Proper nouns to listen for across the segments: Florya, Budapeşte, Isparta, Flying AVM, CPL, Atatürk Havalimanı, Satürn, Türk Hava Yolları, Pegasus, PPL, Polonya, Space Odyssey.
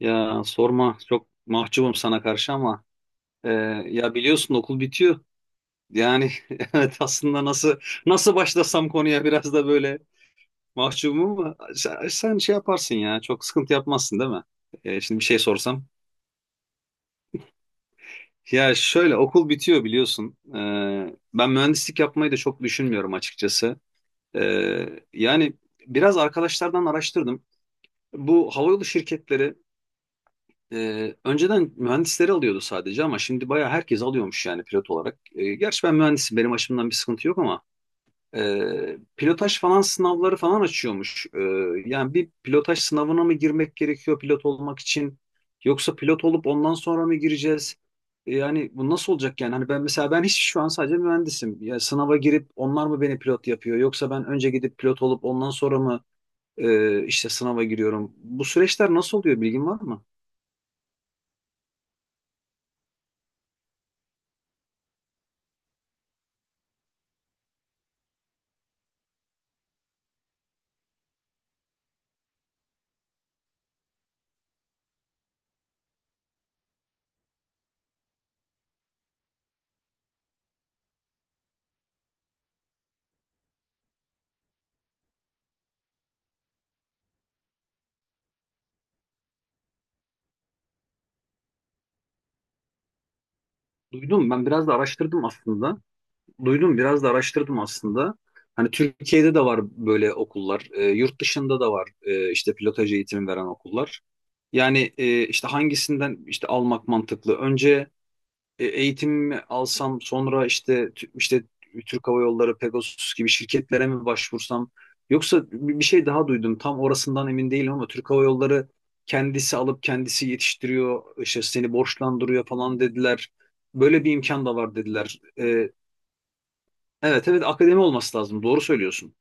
Ya sorma çok mahcubum sana karşı ama e, ya biliyorsun okul bitiyor. Yani evet aslında nasıl başlasam konuya biraz da böyle mahcubum ama sen şey yaparsın ya çok sıkıntı yapmazsın değil mi? Şimdi bir şey sorsam. Ya şöyle okul bitiyor biliyorsun. Ben mühendislik yapmayı da çok düşünmüyorum açıkçası. E, Yani biraz arkadaşlardan araştırdım. Bu havayolu şirketleri önceden mühendisleri alıyordu sadece ama şimdi bayağı herkes alıyormuş yani pilot olarak. Gerçi ben mühendisim benim açımdan bir sıkıntı yok ama pilotaj falan sınavları falan açıyormuş. Yani bir pilotaj sınavına mı girmek gerekiyor pilot olmak için yoksa pilot olup ondan sonra mı gireceğiz? Yani bu nasıl olacak yani? Hani ben mesela ben hiç şu an sadece mühendisim. Ya sınava girip onlar mı beni pilot yapıyor yoksa ben önce gidip pilot olup ondan sonra mı işte sınava giriyorum? Bu süreçler nasıl oluyor bilgin var mı? Duydum. Ben biraz da araştırdım aslında. Duydum. Biraz da araştırdım aslında. Hani Türkiye'de de var böyle okullar. Yurt dışında da var işte pilotaj eğitimi veren okullar. Yani işte hangisinden işte almak mantıklı? Önce eğitimimi alsam sonra işte işte Türk Hava Yolları, Pegasus gibi şirketlere mi başvursam yoksa bir şey daha duydum. Tam orasından emin değilim ama Türk Hava Yolları kendisi alıp kendisi yetiştiriyor, işte seni borçlandırıyor falan dediler. Böyle bir imkan da var dediler. Evet evet akademi olması lazım. Doğru söylüyorsun.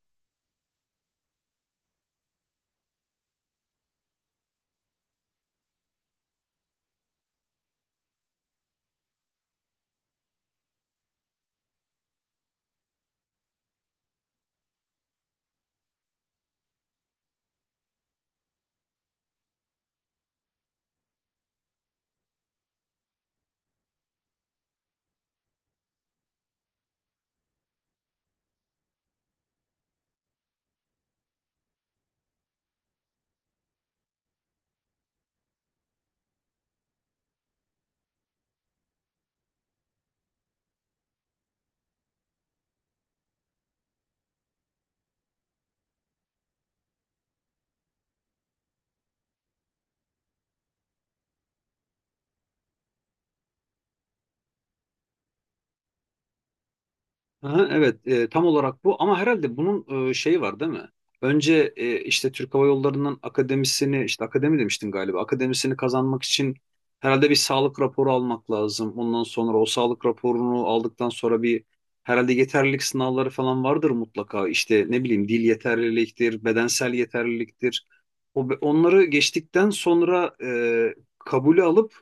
Aha, evet tam olarak bu ama herhalde bunun şeyi var değil mi? Önce işte Türk Hava Yolları'nın akademisini işte akademi demiştin galiba akademisini kazanmak için herhalde bir sağlık raporu almak lazım. Ondan sonra o sağlık raporunu aldıktan sonra bir herhalde yeterlilik sınavları falan vardır mutlaka. İşte ne bileyim dil yeterliliktir, bedensel yeterliliktir. Onları geçtikten sonra kabulü alıp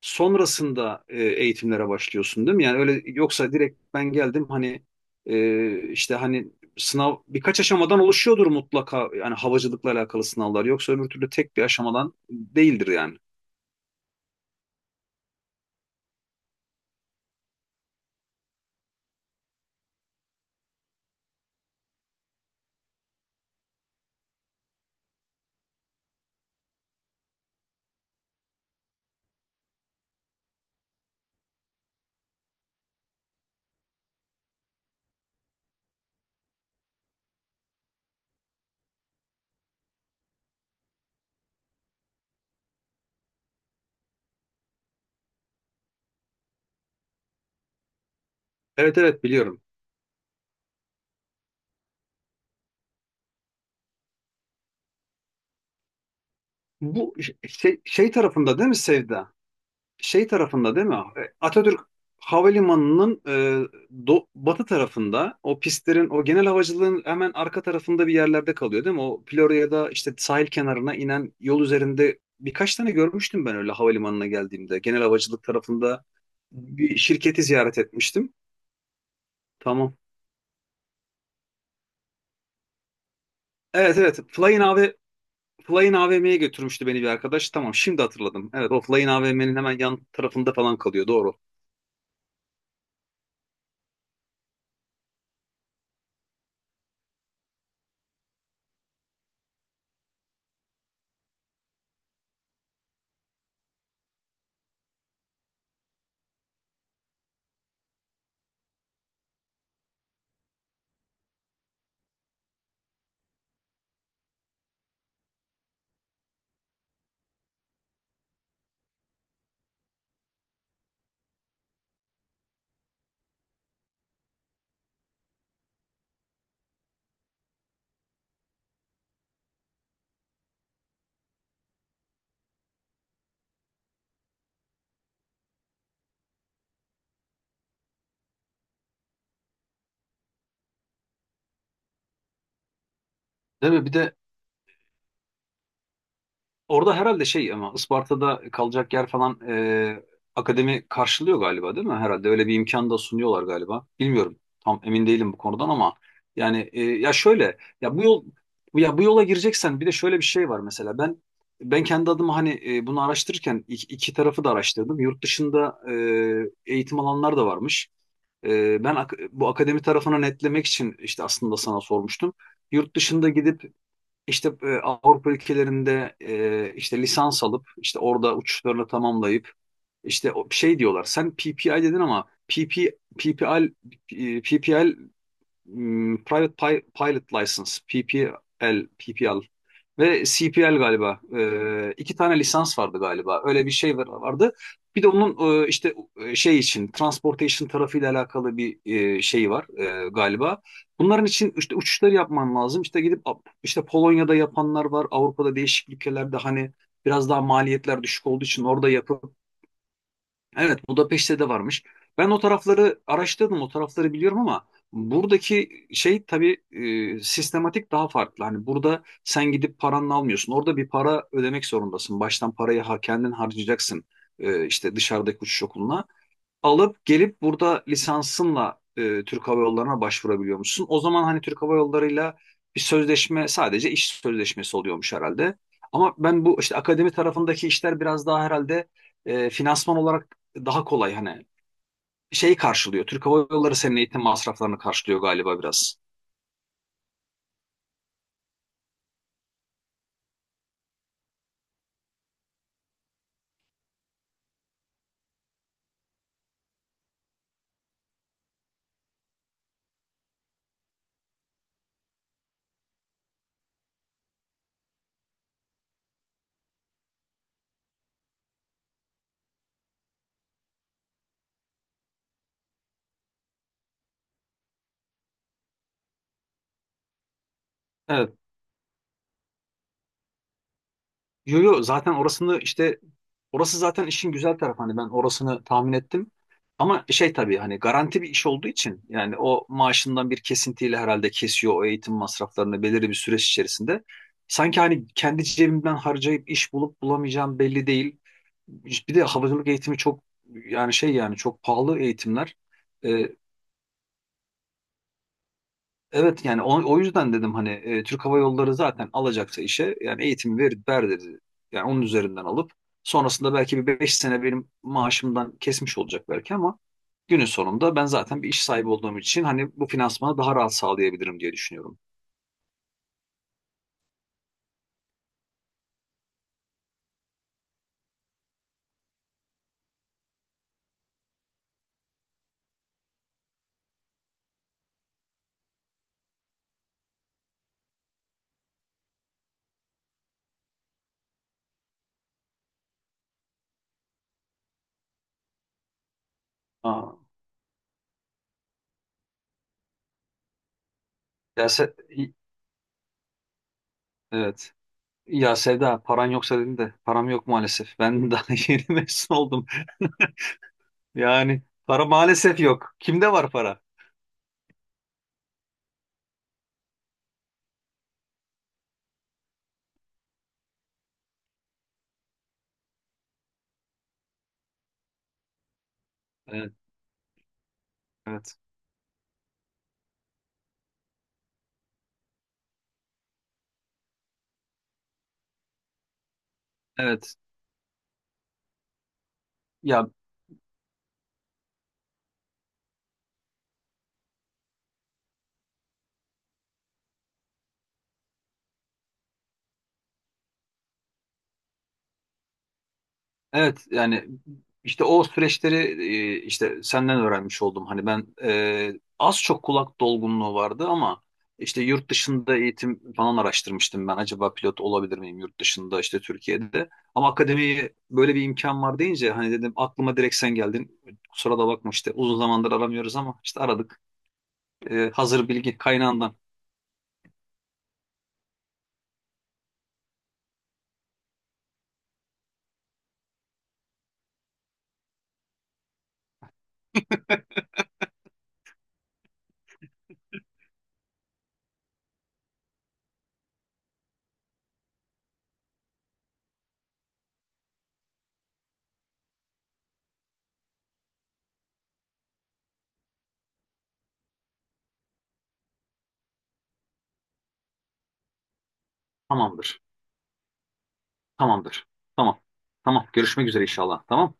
sonrasında eğitimlere başlıyorsun değil mi? Yani öyle yoksa direkt ben geldim hani işte hani sınav birkaç aşamadan oluşuyordur mutlaka yani havacılıkla alakalı sınavlar yoksa öbür türlü tek bir aşamadan değildir yani. Evet evet biliyorum. Bu şey tarafında değil mi Sevda? Şey tarafında değil mi? Atatürk Havalimanı'nın batı tarafında o pistlerin o genel havacılığın hemen arka tarafında bir yerlerde kalıyor değil mi? O Florya'da işte sahil kenarına inen yol üzerinde birkaç tane görmüştüm ben öyle havalimanına geldiğimde. Genel havacılık tarafında bir şirketi ziyaret etmiştim. Tamam. Evet evet. Flying AVM'ye götürmüştü beni bir arkadaş. Tamam şimdi hatırladım. Evet o Flying AVM'nin hemen yan tarafında falan kalıyor. Doğru. Değil mi? Bir de orada herhalde şey ama Isparta'da kalacak yer falan akademi karşılıyor galiba değil mi? Herhalde öyle bir imkan da sunuyorlar galiba. Bilmiyorum. Tam emin değilim bu konudan ama yani ya şöyle ya bu yol ya bu yola gireceksen bir de şöyle bir şey var mesela ben kendi adıma hani bunu araştırırken iki tarafı da araştırdım. Yurt dışında eğitim alanlar da varmış. Bu akademi tarafını netlemek için işte aslında sana sormuştum. Yurt dışında gidip işte Avrupa ülkelerinde işte lisans alıp işte orada uçuşlarını tamamlayıp işte şey diyorlar. Sen PPI dedin ama PP, PPL, P P L Private Pilot License, PPL ve CPL galiba. İki tane lisans vardı galiba. Öyle bir şey vardı. Bir de onun işte şey için transportation tarafıyla alakalı bir şey var galiba. Bunların için işte uçuşları yapman lazım. İşte gidip işte Polonya'da yapanlar var. Avrupa'da değişik ülkelerde hani biraz daha maliyetler düşük olduğu için orada yapıp. Evet, Budapeşte de varmış. Ben o tarafları araştırdım, o tarafları biliyorum ama buradaki şey tabii sistematik daha farklı. Hani burada sen gidip paranla almıyorsun. Orada bir para ödemek zorundasın. Baştan parayı ha, kendin harcayacaksın. İşte dışarıdaki uçuş okuluna alıp gelip burada lisansınla Türk Hava Yolları'na başvurabiliyormuşsun. O zaman hani Türk Hava Yolları'yla bir sözleşme sadece iş sözleşmesi oluyormuş herhalde. Ama ben bu işte akademi tarafındaki işler biraz daha herhalde finansman olarak daha kolay hani şeyi karşılıyor. Türk Hava Yolları senin eğitim masraflarını karşılıyor galiba biraz. Evet. Yo, yo, zaten orasını işte orası zaten işin güzel tarafı hani ben orasını tahmin ettim. Ama şey tabii hani garanti bir iş olduğu için yani o maaşından bir kesintiyle herhalde kesiyor o eğitim masraflarını belirli bir süreç içerisinde. Sanki hani kendi cebimden harcayıp iş bulup bulamayacağım belli değil. Bir de havacılık eğitimi çok yani şey yani çok pahalı eğitimler. Ee, Evet yani o yüzden dedim hani Türk Hava Yolları zaten alacaksa işe yani eğitim ver, ver dedi. Yani onun üzerinden alıp sonrasında belki bir 5 sene benim maaşımdan kesmiş olacak belki ama günün sonunda ben zaten bir iş sahibi olduğum için hani bu finansmanı daha rahat sağlayabilirim diye düşünüyorum. Aa, ya Se- i- evet. Ya Sevda paran yoksa dedin de param yok maalesef. Ben daha yeni mezun oldum. Yani para maalesef yok. Kimde var para? Evet, evet. Evet. Ya, evet yani işte o süreçleri işte senden öğrenmiş oldum. Hani ben az çok kulak dolgunluğu vardı ama işte yurt dışında eğitim falan araştırmıştım ben. Acaba pilot olabilir miyim yurt dışında işte Türkiye'de. Ama akademiye böyle bir imkan var deyince hani dedim aklıma direkt sen geldin. Kusura da bakma işte uzun zamandır aramıyoruz ama işte aradık. Hazır bilgi kaynağından. Tamamdır. Tamamdır. Tamam. Tamam. Görüşmek üzere inşallah. Tamam.